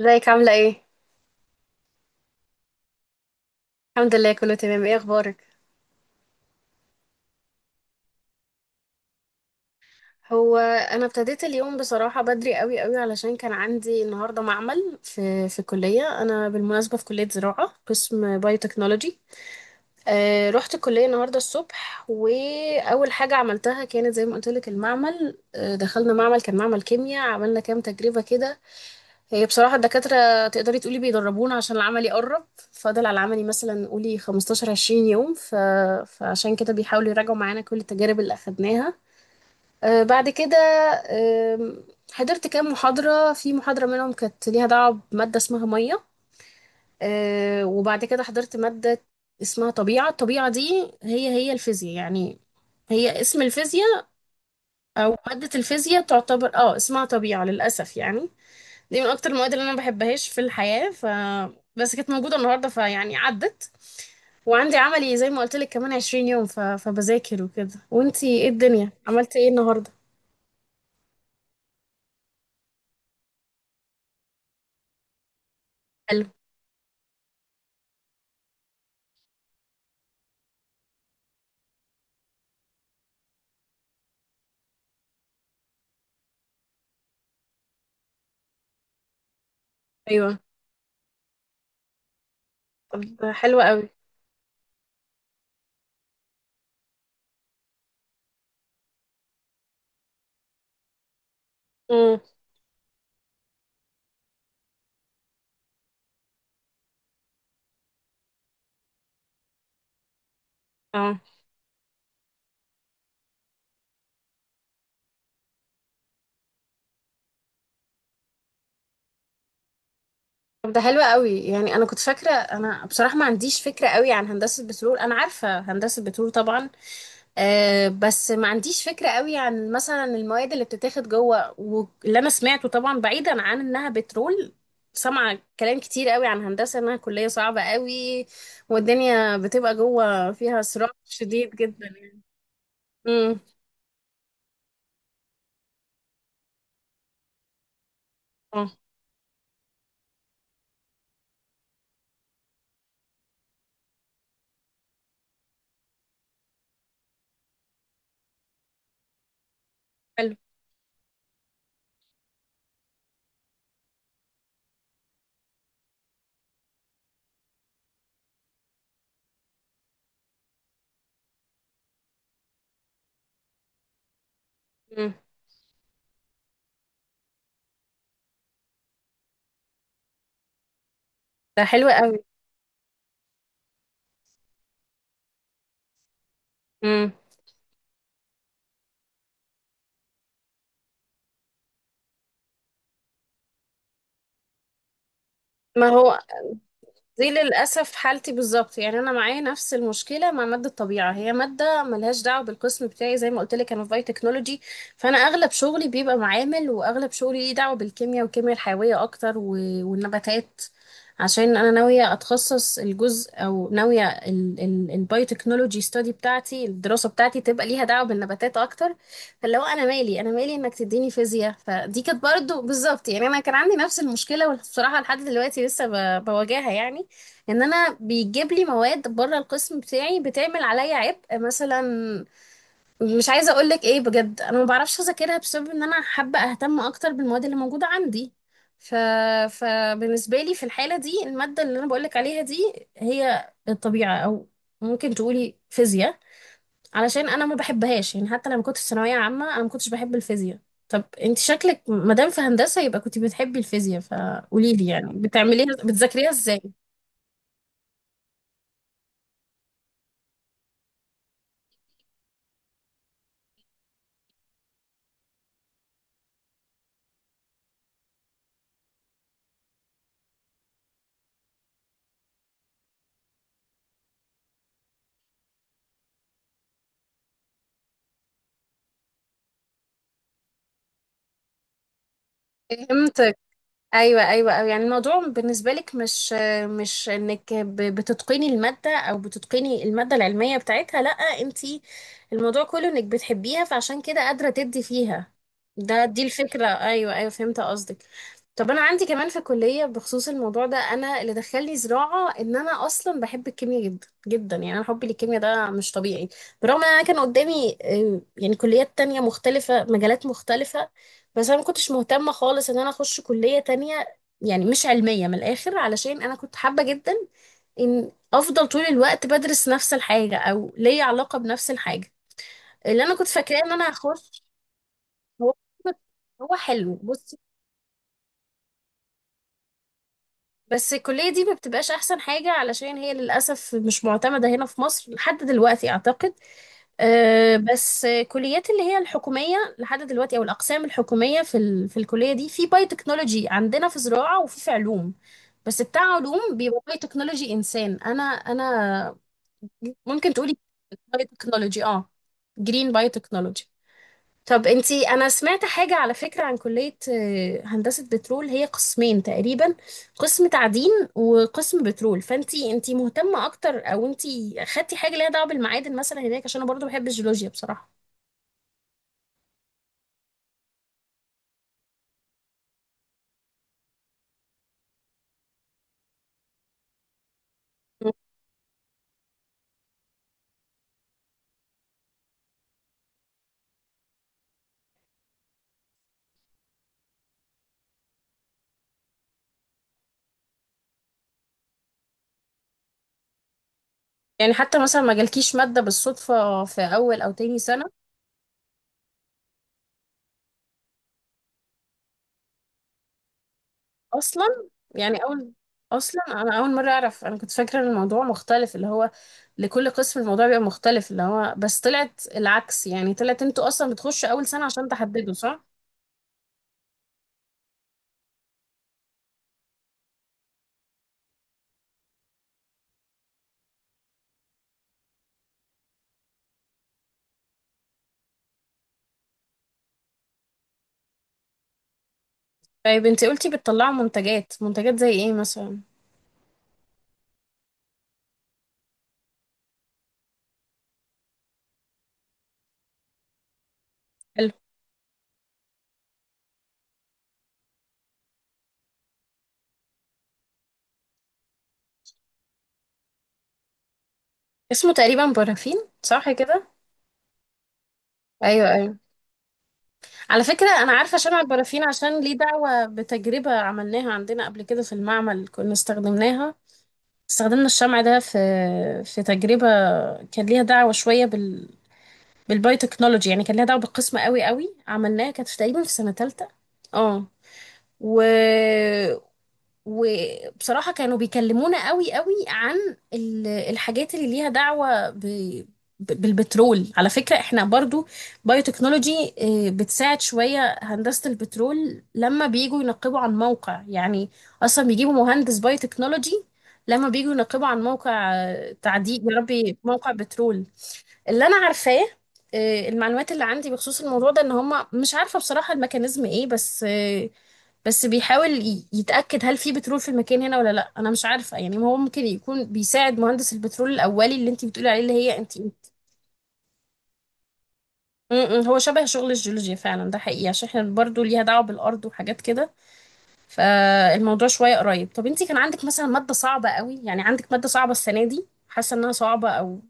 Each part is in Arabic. ازيك عاملة ايه؟ الحمد لله كله تمام. ايه اخبارك؟ هو انا ابتديت اليوم بصراحة بدري قوي قوي، علشان كان عندي النهاردة معمل في الكلية. انا بالمناسبة في كلية زراعة قسم بايوتكنولوجي. رحت الكلية النهاردة الصبح، واول حاجة عملتها كانت زي ما قلت لك المعمل. دخلنا معمل، كان معمل كيمياء، عملنا كام تجربة كده. هي بصراحة الدكاترة تقدري تقولي بيدربونا عشان العملي قرب. فاضل على العملي مثلا قولي 15 20 يوم فعشان كده بيحاولوا يراجعوا معانا كل التجارب اللي أخدناها. بعد كده آم، حضرت كام محاضرة، في محاضرة منهم كانت ليها دعوة بمادة اسمها مية. وبعد كده حضرت مادة اسمها طبيعة. الطبيعة دي هي الفيزياء يعني. هي اسم الفيزياء، أو مادة الفيزياء تعتبر اسمها طبيعة للأسف يعني. دي من اكتر المواد اللي انا ما بحبهاش في الحياة بس كانت موجودة النهاردة فيعني عدت. وعندي عملي زي ما قلت لك كمان 20 يوم فبذاكر وكده. وانتي ايه الدنيا، عملتي ايه النهاردة؟ حلو. ايوه. طب ده حلو قوي. امم. اه. طب ده حلو قوي يعني. انا كنت فاكرة، انا بصراحة ما عنديش فكرة قوي عن هندسة بترول. انا عارفة هندسة بترول طبعا. أه بس ما عنديش فكرة قوي عن مثلا المواد اللي بتتاخد جوه، واللي انا سمعته طبعا بعيدا عن انها بترول، سامعة كلام كتير قوي عن هندسة انها كلية صعبة قوي والدنيا بتبقى جوه فيها صراع شديد جدا يعني. امم. اه. حلو. امم. ده حلو قوي. امم. ما هو دي للأسف حالتي بالظبط يعني. أنا معايا نفس المشكلة مع مادة الطبيعة. هي مادة ملهاش دعوة بالقسم بتاعي، زي ما قلت لك أنا في باي تكنولوجي. فأنا أغلب شغلي بيبقى معامل، وأغلب شغلي ليه دعوة بالكيمياء والكيمياء الحيوية أكتر والنباتات. عشان أنا ناوية أتخصص الجزء، أو ناوية الباي تكنولوجي ستادي بتاعتي، الدراسة بتاعتي تبقى ليها دعوة بالنباتات أكتر. فاللي هو أنا مالي، أنا مالي إنك تديني فيزياء. فدي كانت برضه بالظبط يعني. أنا كان عندي نفس المشكلة، وبصراحة لحد دلوقتي لسه بواجهها يعني. ان انا بيجيب لي مواد بره القسم بتاعي بتعمل عليا عبء مثلا. مش عايزه اقول لك ايه، بجد انا ما بعرفش اذاكرها بسبب ان انا حابه اهتم اكتر بالمواد اللي موجوده عندي ف... فبالنسبه لي في الحاله دي، الماده اللي انا بقول لك عليها دي هي الطبيعه، او ممكن تقولي فيزياء. علشان انا ما بحبهاش يعني، حتى لما كنت في ثانويه عامه انا ما كنتش بحب الفيزياء. طب انت شكلك مادام في هندسه يبقى كنت بتحبي الفيزياء، فقولي لي يعني بتعمليها بتذاكريها ازاي؟ فهمت. ايوه ايوه أيوة. يعني الموضوع بالنسبه لك مش بتتقني الماده، او بتتقني الماده العلميه بتاعتها، لا انت الموضوع كله انك بتحبيها فعشان كده قادره تدي فيها. دي الفكره. ايوه ايوه فهمت قصدك. طب انا عندي كمان في الكليه بخصوص الموضوع ده، انا اللي دخلني زراعه ان انا اصلا بحب الكيمياء جدا جدا يعني. انا حبي للكيمياء ده مش طبيعي. برغم ان انا كان قدامي يعني كليات تانية مختلفه مجالات مختلفه، بس انا ما كنتش مهتمه خالص ان انا اخش كليه تانية. يعني مش علميه من الاخر، علشان انا كنت حابه جدا ان افضل طول الوقت بدرس نفس الحاجه، او ليا علاقه بنفس الحاجه اللي انا كنت فاكراه ان انا هخش. هو هو حلو بصي. بس الكليه دي ما بتبقاش احسن حاجه علشان هي للاسف مش معتمده هنا في مصر لحد دلوقتي اعتقد. أه بس كليات اللي هي الحكومية لحد دلوقتي، أو الأقسام الحكومية في الكلية دي في باي تكنولوجي، عندنا في زراعة وفي علوم. بس بتاع علوم بيبقى باي تكنولوجي إنسان. أنا ممكن تقولي باي تكنولوجي جرين باي تكنولوجي. طب انتي، أنا سمعت حاجة على فكرة عن كلية هندسة بترول. هي قسمين تقريبا، قسم تعدين وقسم بترول. فانتي مهتمة أكتر، أو انتي خدتي حاجة ليها دعوة بالمعادن مثلا هناك؟ عشان أنا برضو بحب الجيولوجيا بصراحة. يعني حتى مثلا ما جالكيش مادة بالصدفة في أول أو تاني سنة؟ أصلا. يعني أول أصلا أنا أول مرة أعرف. أنا كنت فاكرة إن الموضوع مختلف اللي هو لكل قسم الموضوع بيبقى مختلف اللي هو، بس طلعت العكس. يعني طلعت أنتوا أصلا بتخشوا أول سنة عشان تحددوا، صح؟ طيب أنتي قلتي بتطلعوا منتجات، منتجات زي إيه مثلا؟ حلو. اسمه تقريبا بارافين، صح كده؟ أيوه أيوه. على فكرة أنا عارفة شمع البرافين عشان ليه دعوة بتجربة عملناها عندنا قبل كده في المعمل، كنا استخدمناها. استخدمنا الشمع ده في تجربة كان ليها دعوة شوية بالبايوتكنولوجي يعني، كان ليها دعوة بالقسمة قوي قوي، عملناها كانت تقريبا في سنة تالتة. اه و... وبصراحة كانوا بيكلمونا قوي قوي عن الحاجات اللي ليها دعوة بالبترول. على فكرة احنا برضو بايوتكنولوجي بتساعد شوية هندسة البترول لما بييجوا ينقبوا عن موقع يعني. اصلا بيجيبوا مهندس بايوتكنولوجي لما بييجوا ينقبوا عن موقع تعدين، يا ربي موقع بترول. اللي انا عارفاه، المعلومات اللي عندي بخصوص الموضوع ده ان هم، مش عارفة بصراحة الميكانيزم ايه، بس بس بيحاول يتأكد هل في بترول في المكان هنا ولا لا. انا مش عارفة يعني، هو ممكن يكون بيساعد مهندس البترول الاولي اللي انت بتقولي عليه اللي هي انت م- م، هو شبه شغل الجيولوجيا فعلا، ده حقيقي عشان احنا برضو ليها دعوة بالارض وحاجات كده. فالموضوع شوية قريب. طب انت كان عندك مثلا مادة صعبة قوي، يعني عندك مادة صعبة السنة دي حاسة انها صعبة او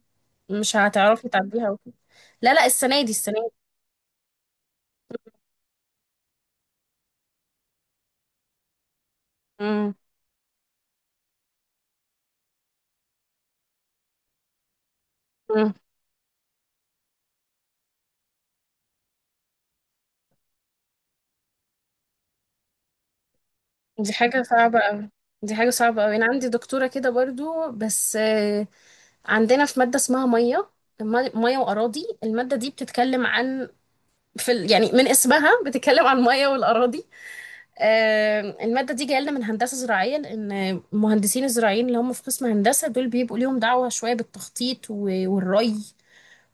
مش هتعرفي تعديها وكده؟ لا لا، السنة دي السنة دي. امم امم. دي حاجة صعبة قوي، دي حاجة صعبة قوي. أنا عندي دكتورة كده برضو بس. عندنا في مادة اسمها مية. مية وأراضي. المادة دي بتتكلم عن يعني من اسمها بتتكلم عن المية والأراضي. المادة دي جاية لنا من هندسة زراعية، لأن المهندسين الزراعيين اللي هم في قسم هندسة دول بيبقوا ليهم دعوة شوية بالتخطيط والري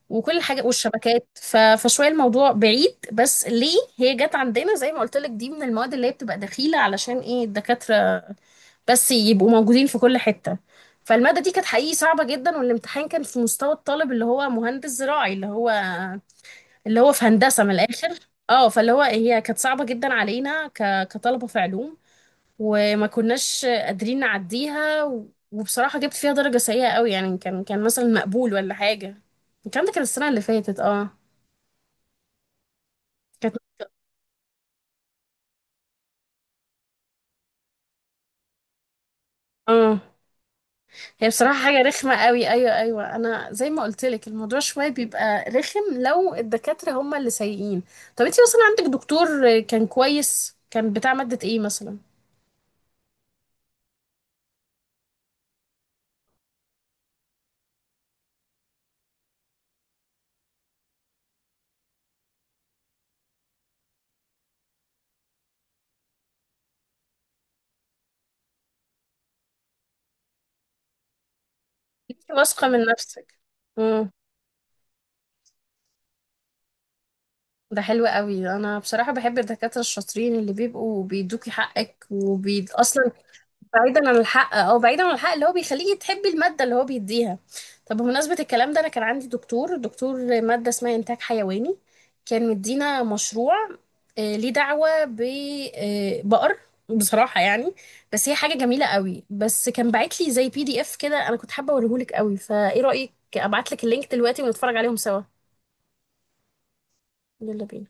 وكل حاجة والشبكات فشوية الموضوع بعيد، بس ليه هي جت عندنا زي ما قلت لك دي من المواد اللي هي بتبقى دخيلة علشان ايه الدكاترة بس يبقوا موجودين في كل حتة. فالمادة دي كانت حقيقي صعبة جدا، والامتحان كان في مستوى الطالب اللي هو مهندس زراعي، اللي هو اللي هو في هندسة من الآخر. اه فاللي هو هي كانت صعبة جدا علينا كطلبة في علوم، وما كناش قادرين نعديها وبصراحة جبت فيها درجة سيئة قوي يعني. كان مثلا مقبول ولا حاجة. الكلام ده كان السنة اللي فاتت كانت اه هي بصراحة حاجة رخمة قوي. أيوة أيوة. أنا زي ما قلت لك الموضوع شوية بيبقى رخم لو الدكاترة هما اللي سيئين. طب أنت مثلا عندك دكتور كان كويس كان بتاع مادة إيه مثلا؟ أنت واثقة من نفسك. امم. ده حلو قوي. أنا بصراحة بحب الدكاترة الشاطرين اللي بيبقوا بيدوكي حقك، وبي أصلا بعيدا عن الحق اللي هو بيخليكي تحبي المادة اللي هو بيديها. طب بمناسبة الكلام ده، انا كان عندي دكتور مادة اسمها انتاج حيواني، كان مدينا مشروع ليه دعوة ببقر. بصراحة يعني بس هي حاجة جميلة قوي، بس كان باعت لي زي بي دي اف كده. انا كنت حابة اوريهولك قوي، فايه رأيك ابعت لك اللينك دلوقتي ونتفرج عليهم سوا؟ يلا بينا.